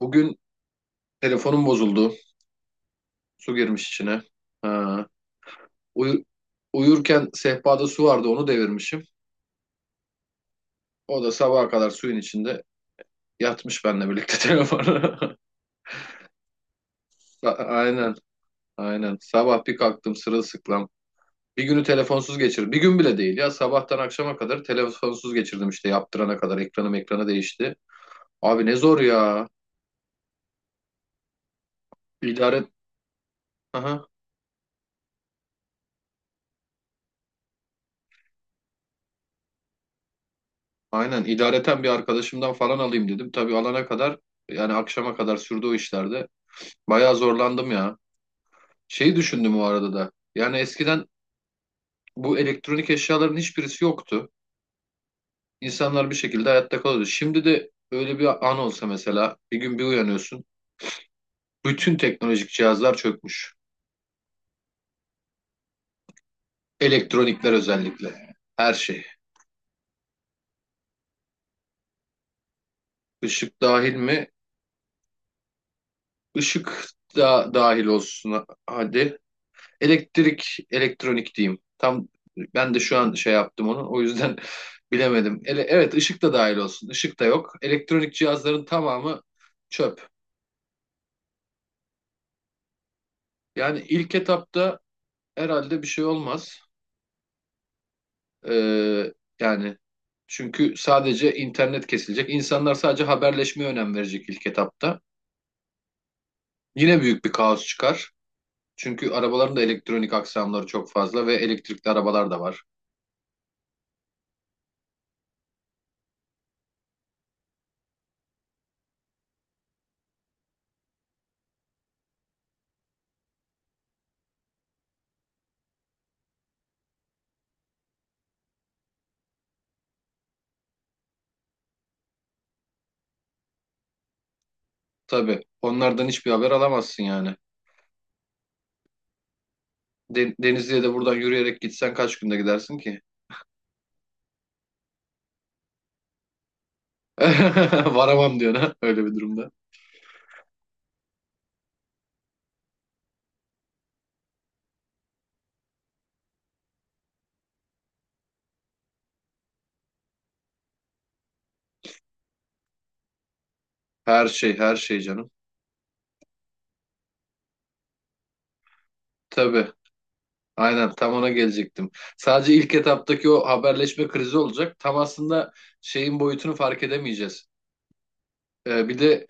Bugün telefonum bozuldu. Su girmiş içine. Ha. Uyu- Uyurken sehpada su vardı, onu devirmişim. O da sabaha kadar suyun içinde yatmış benimle birlikte telefonu. Aynen, aynen. Sabah bir kalktım sırılsıklam. Bir günü telefonsuz geçirdim. Bir gün bile değil ya. Sabahtan akşama kadar telefonsuz geçirdim işte, yaptırana kadar. Ekranım ekrana değişti. Abi ne zor ya. İdare... Aha, aynen. İdareten bir arkadaşımdan falan alayım dedim. Tabii alana kadar yani akşama kadar sürdü o işlerde. Bayağı zorlandım ya. Şeyi düşündüm o arada da. Yani eskiden bu elektronik eşyaların hiçbirisi yoktu. İnsanlar bir şekilde hayatta kalıyordu. Şimdi de öyle bir an olsa, mesela bir gün bir uyanıyorsun. Bütün teknolojik cihazlar çökmüş. Elektronikler özellikle. Her şey. Işık dahil mi? Işık da dahil olsun hadi. Elektrik, elektronik diyeyim. Tam ben de şu an şey yaptım onu. O yüzden bilemedim. Evet, ışık da dahil olsun. Işık da yok. Elektronik cihazların tamamı çöp. Yani ilk etapta herhalde bir şey olmaz. Ee, yani çünkü sadece internet kesilecek. İnsanlar sadece haberleşmeye önem verecek ilk etapta. Yine büyük bir kaos çıkar. Çünkü arabaların da elektronik aksamları çok fazla ve elektrikli arabalar da var. Tabii onlardan hiçbir haber alamazsın yani. Denizli'ye de buradan yürüyerek gitsen kaç günde gidersin ki? Varamam diyor ha, öyle bir durumda. Her şey, her şey canım. Tabii. Aynen, tam ona gelecektim. Sadece ilk etaptaki o haberleşme krizi olacak. Tam aslında şeyin boyutunu fark edemeyeceğiz. Bir de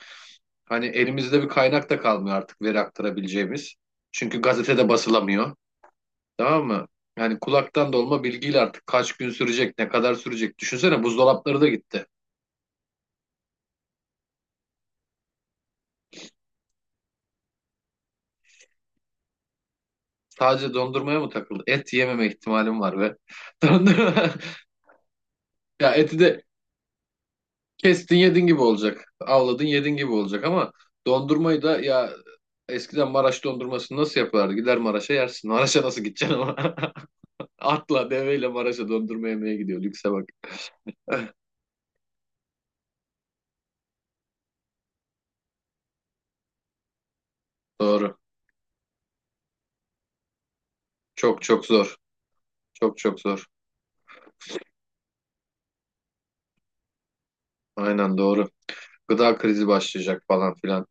hani elimizde bir kaynak da kalmıyor artık, veri aktarabileceğimiz. Çünkü gazetede basılamıyor. Tamam mı? Yani kulaktan dolma bilgiyle artık kaç gün sürecek, ne kadar sürecek. Düşünsene, buzdolapları da gitti. Sadece dondurmaya mı takıldı? Et yememe ihtimalim var ve dondurma ya, eti de kestin yedin gibi olacak. Avladın yedin gibi olacak ama dondurmayı da ya, eskiden Maraş dondurmasını nasıl yapardı? Gider Maraş'a yersin. Maraş'a nasıl gideceksin ama? Atla deveyle Maraş'a dondurma yemeye gidiyor. Lükse bak. Doğru. Çok çok zor. Çok çok zor. Aynen doğru. Gıda krizi başlayacak falan filan.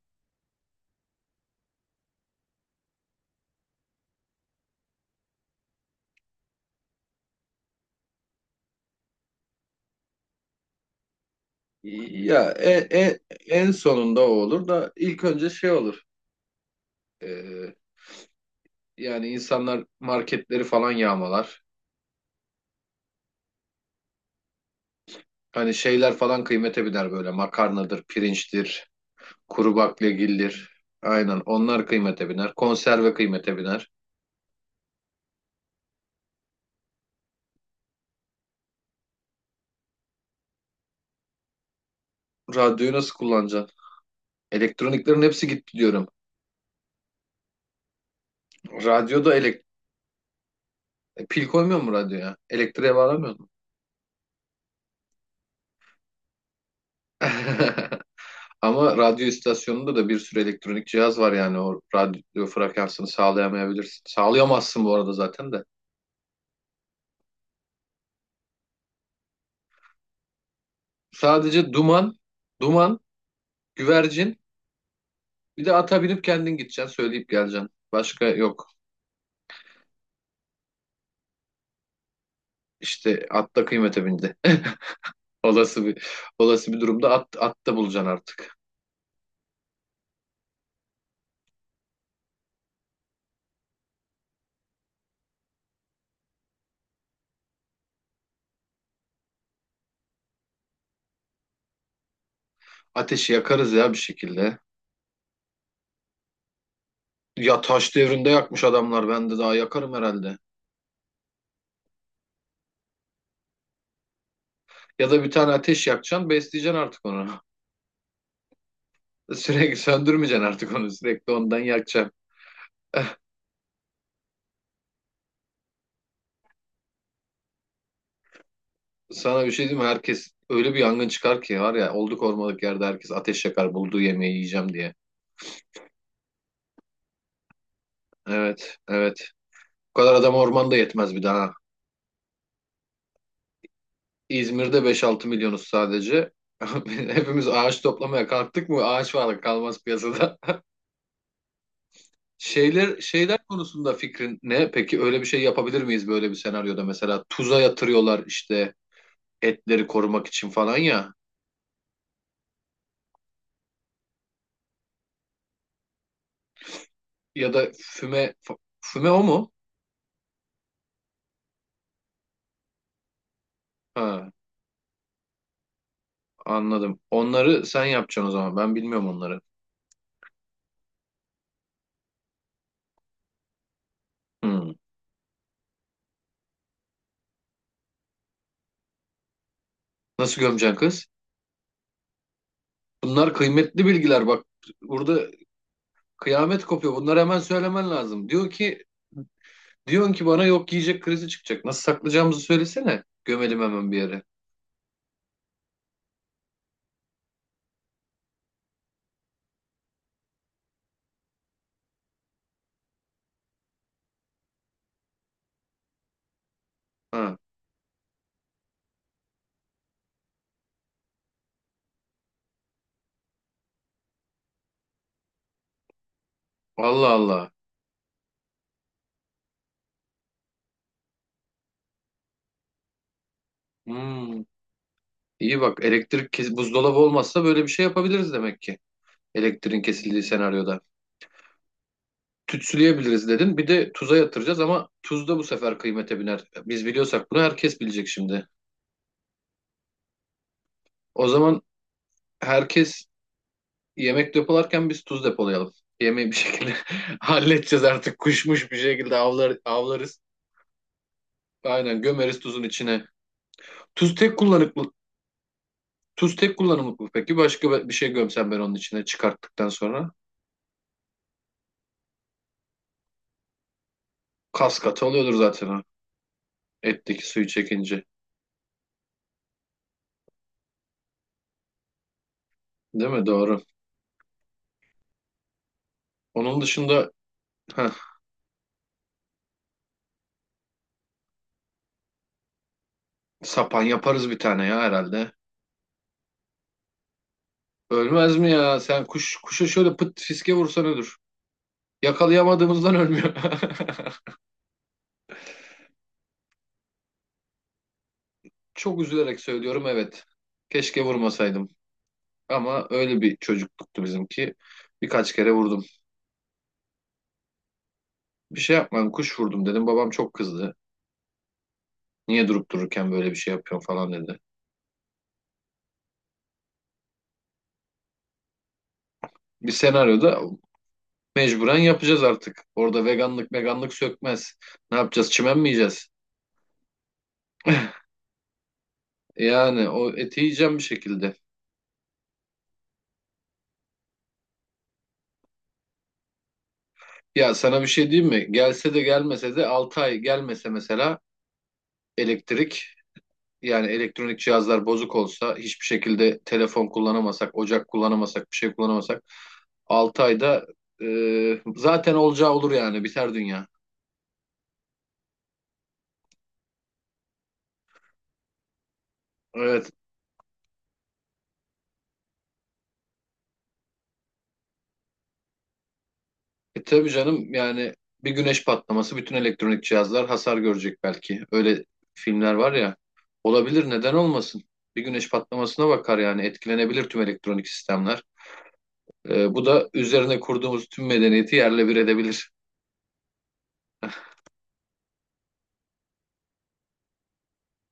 Ya e, e, en sonunda o olur da ilk önce şey olur. Ee, yani insanlar marketleri falan yağmalar. Hani şeyler falan kıymete biner, böyle makarnadır, pirinçtir, kuru baklagildir. Aynen, onlar kıymete biner. Konserve kıymete biner. Radyoyu nasıl kullanacaksın? Elektroniklerin hepsi gitti diyorum. Radyoda elek E, pil koymuyor mu radyoya? Elektriğe bağlamıyor mu? Ama radyo istasyonunda da bir sürü elektronik cihaz var, yani o radyo frekansını sağlayamayabilirsin. Sağlayamazsın bu arada zaten de. Sadece duman, duman, güvercin. Bir de ata binip kendin gideceksin, söyleyip geleceksin. Başka yok. İşte at da kıymete bindi. Olası bir olası bir durumda at, at da bulacaksın artık. Ateşi yakarız ya bir şekilde. Ya taş devrinde yakmış adamlar. Ben de daha yakarım herhalde. Ya da bir tane ateş yakacaksın, besleyeceksin artık onu. Sürekli söndürmeyeceksin artık onu. Sürekli ondan yakacaksın. Sana bir şey diyeyim mi? Herkes öyle bir yangın çıkar ki var ya, olduk ormanlık yerde herkes ateş yakar bulduğu yemeği yiyeceğim diye. Evet, evet. Bu kadar adam ormanda yetmez bir daha. İzmir'de beş altı milyonuz sadece. Hepimiz ağaç toplamaya kalktık mı ağaç varlık kalmaz piyasada. Şeyler şeyler konusunda fikrin ne? Peki öyle bir şey yapabilir miyiz böyle bir senaryoda, mesela tuza yatırıyorlar işte etleri korumak için falan, ya ya da füme füme o mu? Ha, anladım. Onları sen yapacaksın o zaman. Ben bilmiyorum onları. Hmm. Nasıl gömeceksin kız? Bunlar kıymetli bilgiler bak. Burada kıyamet kopuyor. Bunları hemen söylemen lazım. Diyor ki, diyorsun ki bana, yok yiyecek krizi çıkacak. Nasıl saklayacağımızı söylesene. Gömelim hemen bir yere. Ha. Allah Allah. Hmm. İyi bak, elektrik kes, buzdolabı olmazsa böyle bir şey yapabiliriz demek ki. Elektriğin kesildiği senaryoda. Tütsüleyebiliriz dedin. Bir de tuza yatıracağız ama tuz da bu sefer kıymete biner. Biz biliyorsak bunu herkes bilecek şimdi. O zaman herkes yemek depolarken biz tuz depolayalım. Yemeği bir şekilde halledeceğiz artık. Kuşmuş, bir şekilde avlar, avlarız. Aynen, gömeriz tuzun içine. Tuz tek kullanımlık Tuz tek kullanımlık mı peki? Başka bir şey gömsem ben onun içine çıkarttıktan sonra. Kas katı oluyordur zaten o. Etteki suyu çekince. Değil mi? Doğru. Onun dışında, heh, sapan yaparız bir tane ya herhalde. Ölmez mi ya? Sen kuş kuşa şöyle pıt fiske vursan ölür. Yakalayamadığımızdan ölmüyor. Çok üzülerek söylüyorum, evet. Keşke vurmasaydım. Ama öyle bir çocukluktu bizimki. Birkaç kere vurdum. Bir şey yapmam, kuş vurdum dedim. Babam çok kızdı. Niye durup dururken böyle bir şey yapıyorsun falan dedi. Bir senaryoda mecburen yapacağız artık. Orada veganlık veganlık sökmez. Ne yapacağız? Çimen mi yiyeceğiz? Yani o eti yiyeceğim bir şekilde. Ya sana bir şey diyeyim mi? Gelse de gelmese de, 6 ay gelmese mesela elektrik, yani elektronik cihazlar bozuk olsa, hiçbir şekilde telefon kullanamasak, ocak kullanamasak, bir şey kullanamasak, 6 ayda e, zaten olacağı olur yani, biter dünya. Evet. E tabii canım, yani bir güneş patlaması, bütün elektronik cihazlar hasar görecek belki. Öyle filmler var ya. Olabilir, neden olmasın? Bir güneş patlamasına bakar yani, etkilenebilir tüm elektronik sistemler. E, bu da üzerine kurduğumuz tüm medeniyeti yerle bir edebilir.